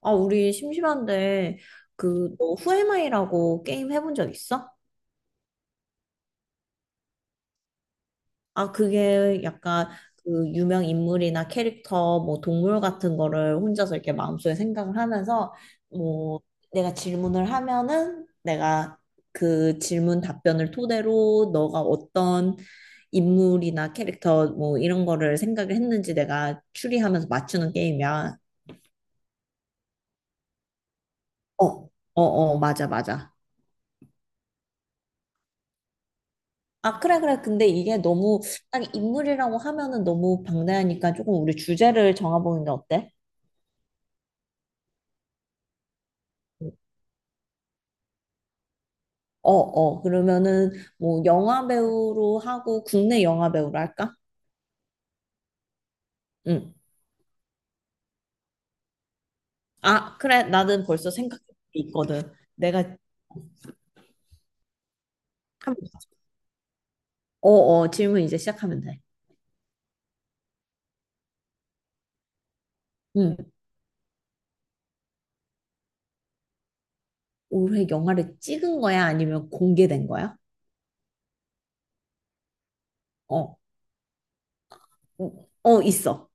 아, 우리 심심한데, 그, 너 후에마이라고 게임 해본 적 있어? 아, 그게 약간 그 유명 인물이나 캐릭터, 뭐 동물 같은 거를 혼자서 이렇게 마음속에 생각을 하면서, 뭐, 내가 질문을 하면은 내가 그 질문 답변을 토대로 너가 어떤 인물이나 캐릭터, 뭐 이런 거를 생각을 했는지 내가 추리하면서 맞추는 게임이야. 어, 어, 어, 맞아, 맞아. 아, 그래, 그래. 근데 이게 너무 딱 인물이라고 하면은 너무 방대하니까 조금 우리 주제를 정해보는 게 어때? 어, 어. 그러면은 뭐 영화 배우로 하고 국내 영화 배우로 할까? 응. 아, 그래. 나는 벌써 생각해 있거든. 내가 하면 돼. 어, 어. 질문 이제 시작하면 돼. 응. 올해 영화를 찍은 거야? 아니면 공개된 거야? 어. 어, 어, 있어.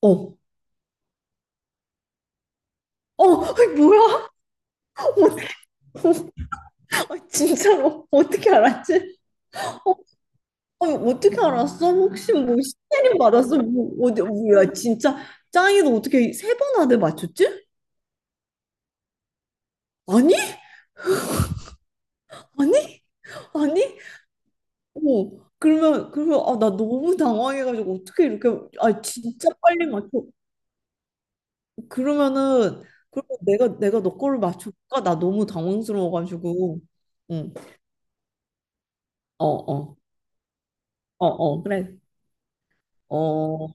어. 어, 아이, 뭐야? 어, 진짜로 어떻게 알았지? 어, 아니, 어떻게 알았어? 혹시 뭐 시혜림 받았어? 뭐 어디 뭐야 진짜 짱이도 어떻게 3번 안에 맞췄지? 아니? 아니? 아니? 어, 그러면 아, 나 너무 당황해가지고 어떻게 이렇게 아, 진짜 빨리 맞춰. 그러면은 그러면 내가 너 거를 맞출까? 나 너무 당황스러워가지고. 응. 어. 어어어 그래. 어.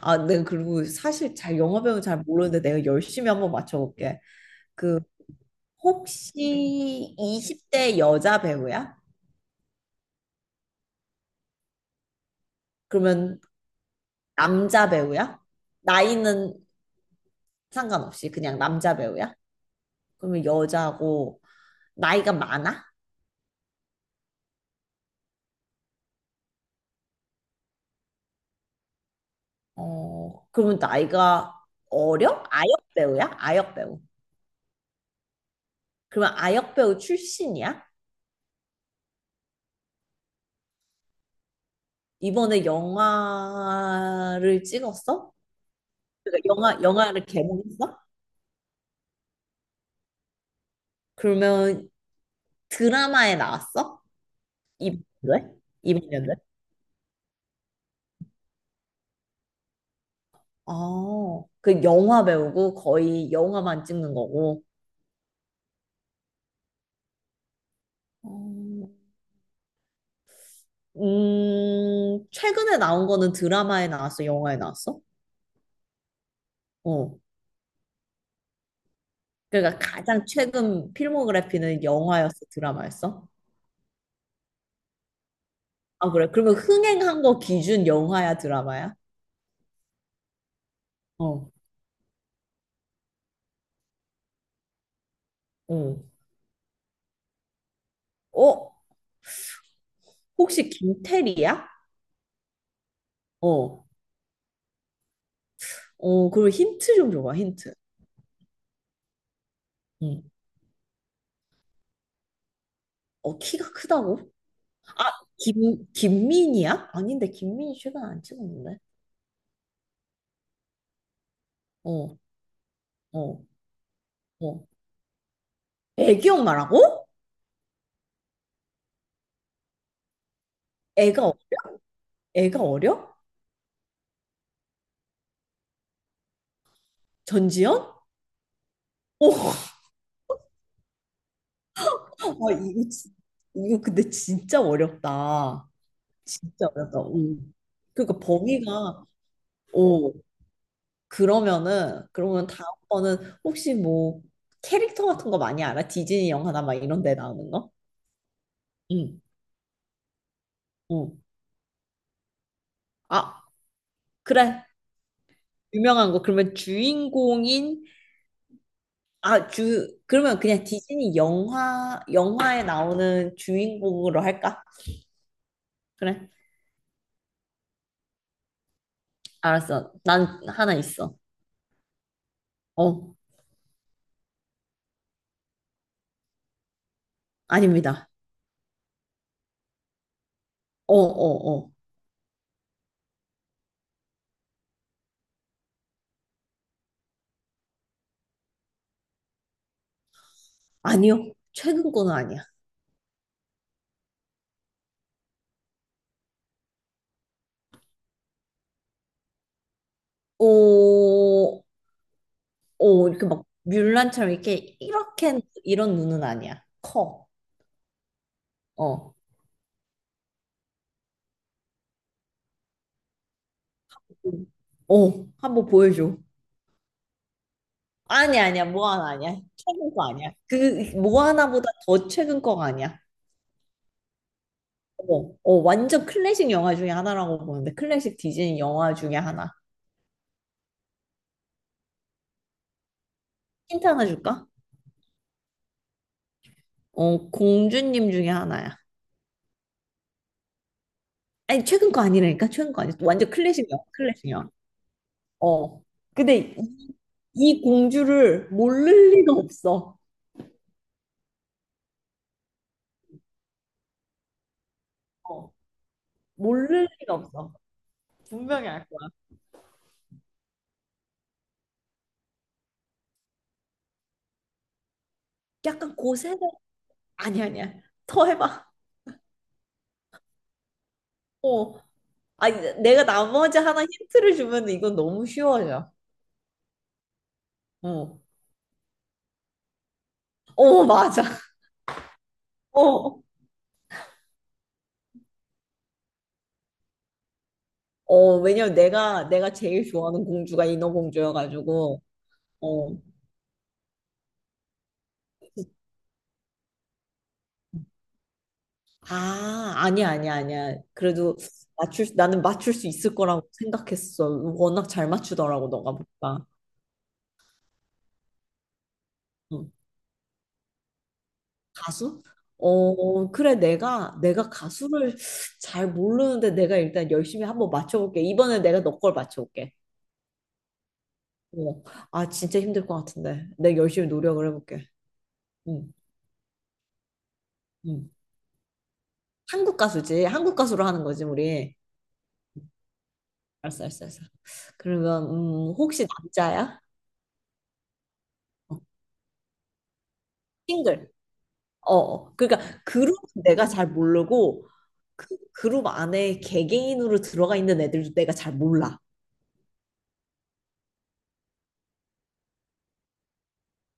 아, 내가 그리고 사실 잘 영화배우 잘 모르는데 내가 열심히 한번 맞춰볼게. 그, 혹시 20대 여자 배우야? 그러면 남자 배우야? 나이는 상관없이 그냥 남자 배우야? 그러면 여자고 나이가 많아? 어, 그러면 나이가 어려? 아역 배우야? 아역 배우. 그러면 아역 배우 출신이야? 이번에 영화를 찍었어? 그러니까 영화를 개봉했어? 그러면 드라마에 나왔어? 그래? 이번 년도에? 아, 그 영화 배우고 거의 영화만 찍는 거고. 어, 최근에 나온 거는 드라마에 나왔어, 영화에 나왔어? 어. 그러니까 가장 최근 필모그래피는 영화였어, 드라마였어? 아, 그래. 그러면 흥행한 거 기준 영화야, 드라마야? 어, 어. 어, 혹시 김태리야? 어. 어, 그리고 힌트 좀 줘봐, 힌트. 응. 어, 키가 크다고? 김민희야? 아닌데, 김민희 최근 안 찍었는데. 어, 어. 어. 애기 엄마라고? 애가 어려? 애가 어려? 전지현? 오. 와, 이거 근데 진짜 어렵다. 진짜 어렵다. 음. 그러니까 범위가. 오, 그러면 다음번은 혹시 뭐 캐릭터 같은 거 많이 알아? 디즈니 영화나 막 이런 데 나오는 거? 응. 응. 아, 그래. 유명한 거. 그러면 주인공인. 아, 주 그러면 그냥 디즈니 영화에 나오는 주인공으로 할까? 그래. 알았어. 난 하나 있어. 어, 아닙니다. 어, 어, 어. 아니요. 최근 거는 아니야. 오, 오, 이렇게 막 뮬란처럼 이렇게 이런 눈은 아니야. 커. 어. 어, 한 번 보여줘. 아니, 아니야. 뭐 하나 아니야. 최근 거 아니야. 그, 뭐 하나보다 더 최근 거가 아니야. 어, 어, 완전 클래식 영화 중에 하나라고 보는데 클래식 디즈니 영화 중에 하나. 힌트 하나 줄까? 어, 공주님 중에 하나야. 아니, 최근 거 아니라니까. 최근 거 아니야. 완전 클래식이야. 클래식이야. 어, 근데 이 공주를 모를 리가 없어. 어. 모를 리가 없어. 분명히 알 거야. 약간 고세대. 아니, 아니야. 더 해봐. 어. 아니, 내가 나머지 하나 힌트를 주면 이건 너무 쉬워져. 어어, 맞아. 어. 어. 왜냐면 내가 제일 좋아하는 공주가 인어공주여가지고. 어. 아, 아니야, 아니야, 아니야. 그래도 나는 맞출 수 있을 거라고 생각했어. 워낙 잘 맞추더라고, 너가 보니까. 응. 가수? 어, 그래, 내가 가수를 잘 모르는데 내가 일단 열심히 한번 맞춰볼게. 이번에 내가 너 걸 맞춰볼게. 어, 아, 진짜 힘들 것 같은데. 내가 열심히 노력을 해볼게. 응, 응. 한국 가수지. 한국 가수로 하는 거지, 우리. 알았어, 알았어, 알았어. 그러면, 혹시 남자야? 어, 싱글. 어, 어. 그러니까 그룹 내가 잘 모르고 그 그룹 안에 개개인으로 들어가 있는 애들도 내가 잘 몰라.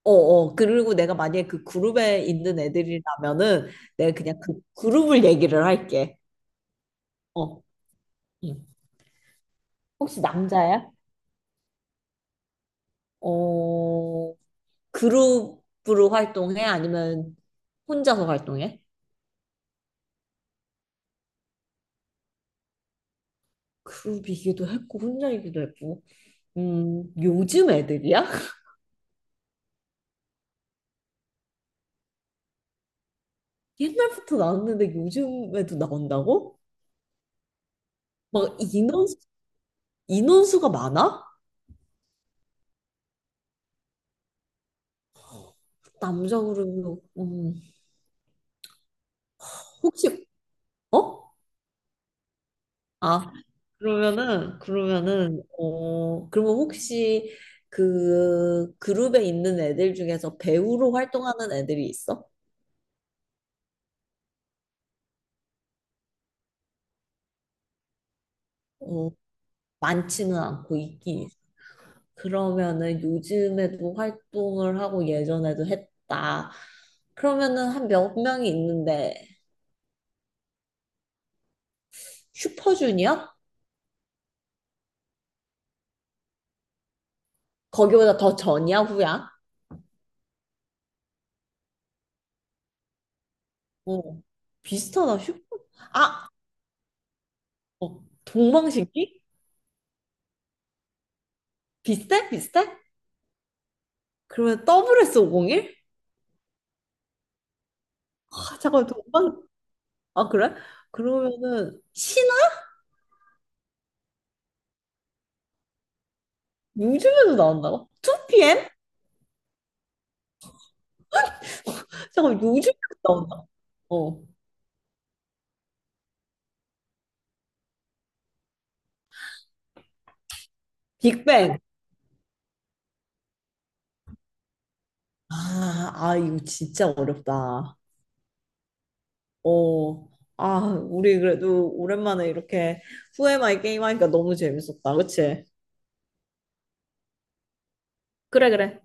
어, 어. 그리고 내가 만약에 그 그룹에 있는 애들이라면은 내가 그냥 그 그룹을 얘기를 할게. 어. 응. 혹시 남자야? 어, 그룹으로 활동해? 아니면 혼자서 활동해? 그룹이기도 했고 혼자이기도 했고. 요즘 애들이야? 옛날부터 나왔는데 요즘에도 나온다고? 막 인원수가 많아? 남자 그룹이. 음, 혹시. 어? 아, 그러면은 어, 그러면 혹시 그 그룹에 있는 애들 중에서 배우로 활동하는 애들이 있어? 어. 많지는 않고 있긴 있어. 그러면은 요즘에도 활동을 하고 예전에도 했다. 그러면은 한 몇 명이 있는데. 슈퍼주니어? 거기보다 더 전이야 후야? 어, 비슷하다 슈퍼. 아, 어, 동방신기? 비슷해? 비슷해? 그러면 WS501? 아, 잠깐만, 아, 그래? 그러면은, 신화? 요즘에도 나온다고? 2PM? 잠깐만, 요즘에도 나온다. 어, 빅뱅. 아, 아, 이거 진짜 어렵다. 어, 아, 우리 그래도 오랜만에 이렇게 후에 마이 게임 하니까 너무 재밌었다. 그치? 그래, 그래.